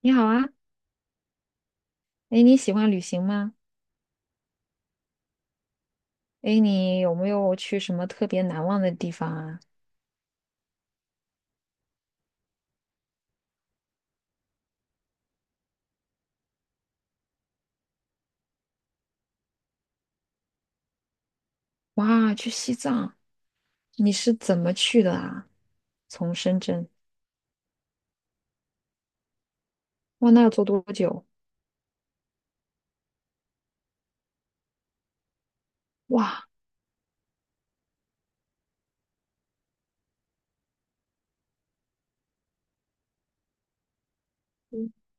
你好啊。哎，你喜欢旅行吗？哎，你有没有去什么特别难忘的地方啊？哇，去西藏。你是怎么去的啊？从深圳。哇，那要坐多久？哇，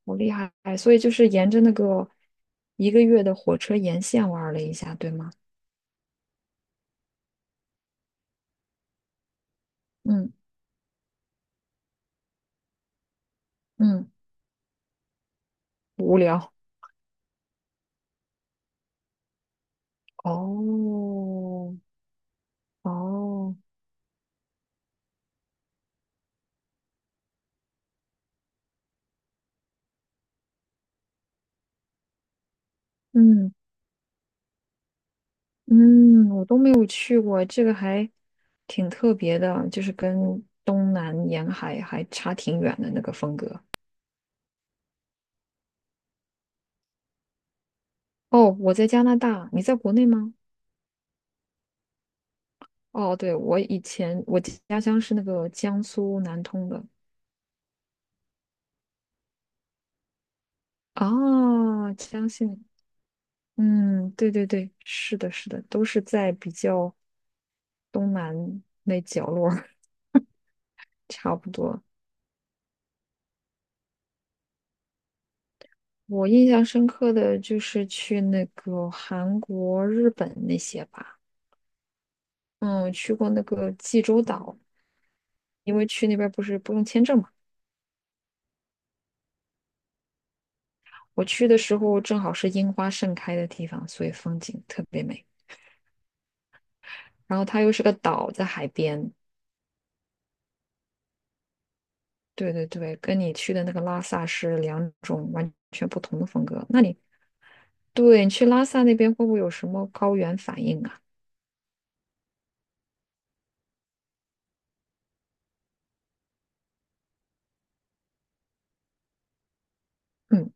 好厉害！所以就是沿着那个一个月的火车沿线玩了一下，对吗？嗯嗯，无聊。哦哦，嗯。嗯，我都没有去过，这个还挺特别的，就是跟东南沿海还差挺远的那个风格。哦，我在加拿大，你在国内吗？哦，对，我以前我家乡是那个江苏南通的。啊，江信。嗯，对对对，是的，是的，都是在比较东南那角落儿 差不多。我印象深刻的就是去那个韩国、日本那些吧。嗯，去过那个济州岛，因为去那边不是不用签证嘛。我去的时候正好是樱花盛开的地方，所以风景特别美。然后它又是个岛，在海边。对对对，跟你去的那个拉萨是两种完全不同的风格。对，你去拉萨那边会不会有什么高原反应啊？嗯。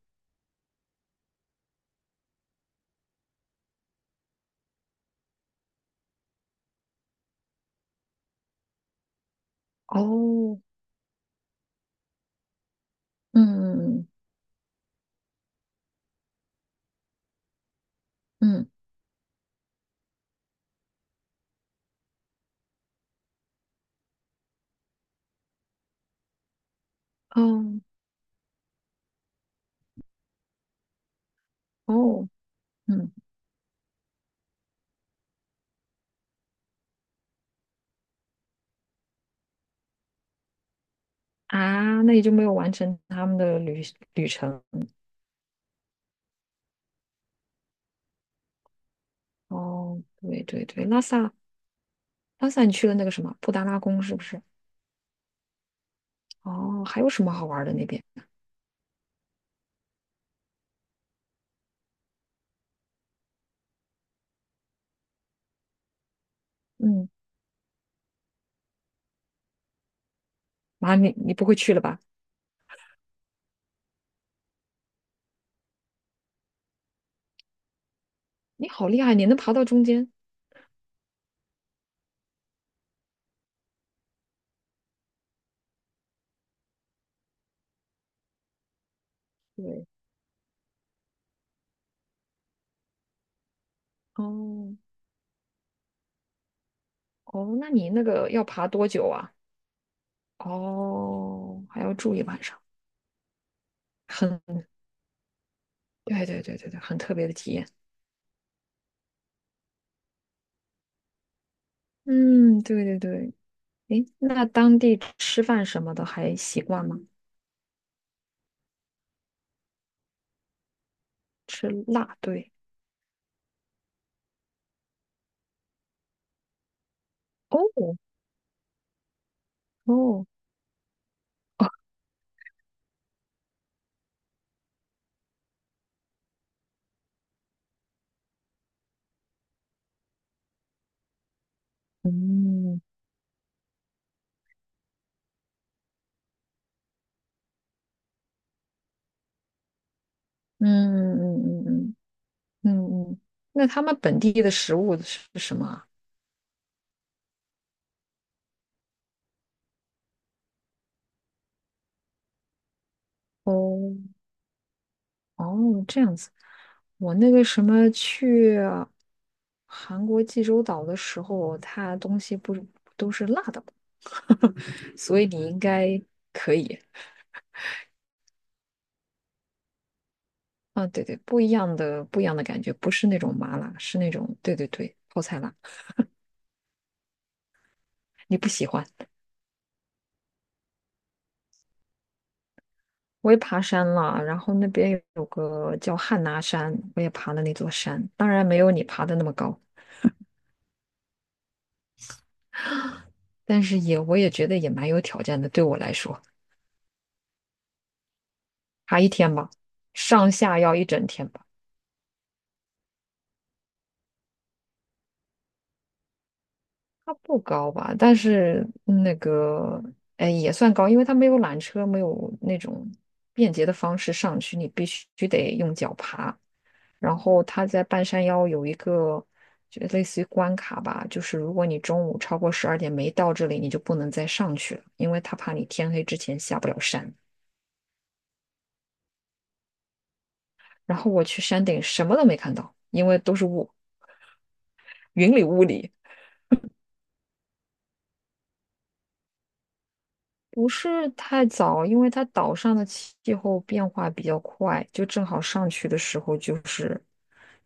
哦。嗯嗯嗯。哦哦。嗯。啊，那你就没有完成他们的旅程。哦，对对对，拉萨你去了那个什么布达拉宫是不是？哦，还有什么好玩的那边？嗯，妈，你你不会去了吧？你好厉害，你能爬到中间。对。哦哦，那你那个要爬多久啊？哦，还要住一晚上。很，对对对对对，很特别的体验。嗯，对对对。诶，那当地吃饭什么的还习惯吗？吃辣，对。哦哦。嗯嗯嗯嗯嗯。嗯嗯，那他们本地的食物是什么啊？哦哦，这样子。我那个什么去韩国济州岛的时候，它东西不都是辣的吗？所以你应该可以。啊，对对，不一样的不一样的感觉，不是那种麻辣，是那种对对对泡菜辣。你不喜欢？我也爬山了，然后那边有个叫汉拿山，我也爬了那座山，当然没有你爬的那么高。但是也我也觉得也蛮有挑战的，对我来说，爬一天吧，上下要一整天吧。它不高吧，但是那个哎也算高，因为它没有缆车，没有那种便捷的方式上去，你必须得用脚爬。然后它在半山腰有一个就类似于关卡吧，就是如果你中午超过12点没到这里，你就不能再上去了，因为他怕你天黑之前下不了山。然后我去山顶什么都没看到，因为都是雾，云里雾里。不是太早，因为它岛上的气候变化比较快，就正好上去的时候就是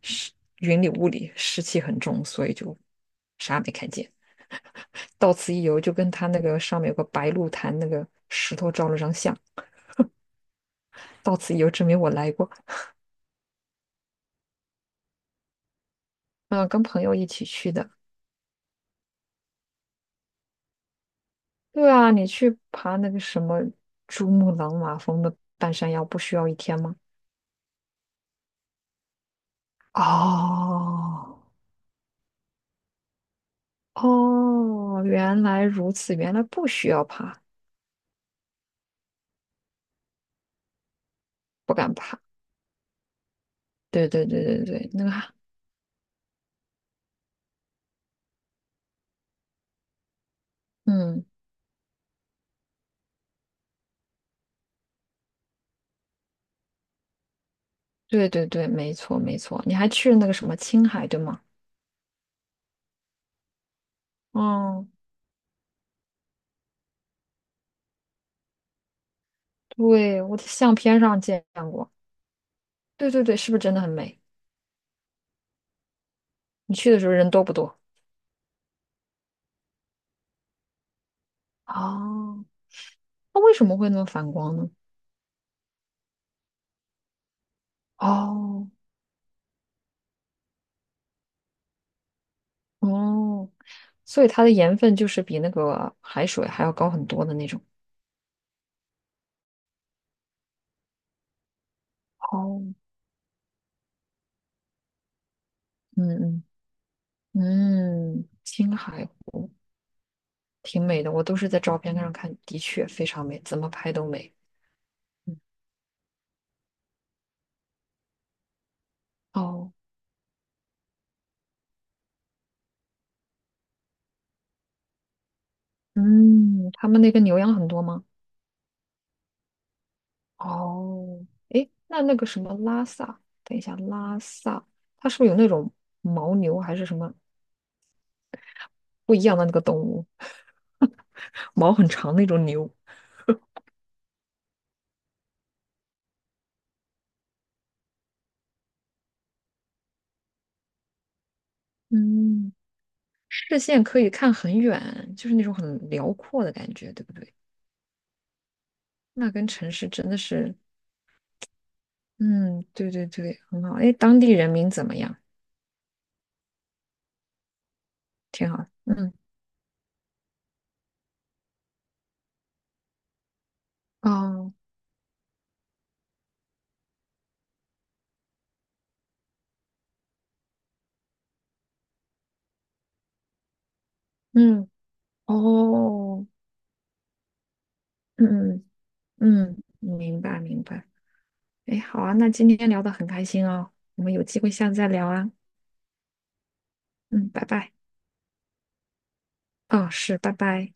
湿云里雾里，湿气很重，所以就啥也没看见。到此一游，就跟他那个上面有个白鹿潭那个石头照了张相。到此一游，证明我来过。嗯、跟朋友一起去的。对啊，你去爬那个什么珠穆朗玛峰的半山腰，不需要一天吗？哦。哦，原来如此，原来不需要怕。不敢怕。对对对对对，那个，嗯，对对对，没错没错。你还去了那个什么青海，对吗？嗯，对，我的相片上见过。对对对，是不是真的很美？你去的时候人多不多？哦，那为什么会那么反光呢？哦哦，所以它的盐分就是比那个海水还要高很多的那种。哦。嗯嗯嗯，青海。挺美的，我都是在照片上看，的确非常美，怎么拍都美。嗯。哦。嗯，他们那个牛羊很多吗？哦。诶，那那个什么拉萨，等一下，拉萨，它是不是有那种牦牛还是什么不一样的那个动物？毛很长那种牛。嗯，视线可以看很远，就是那种很辽阔的感觉，对不对？那跟城市真的是。嗯，对对对，很好。诶，当地人民怎么样？挺好。嗯。哦。嗯。哦。嗯嗯嗯，明白明白。哎，好啊，那今天聊得很开心哦，我们有机会下次再聊啊。嗯，拜拜。哦，是，拜拜。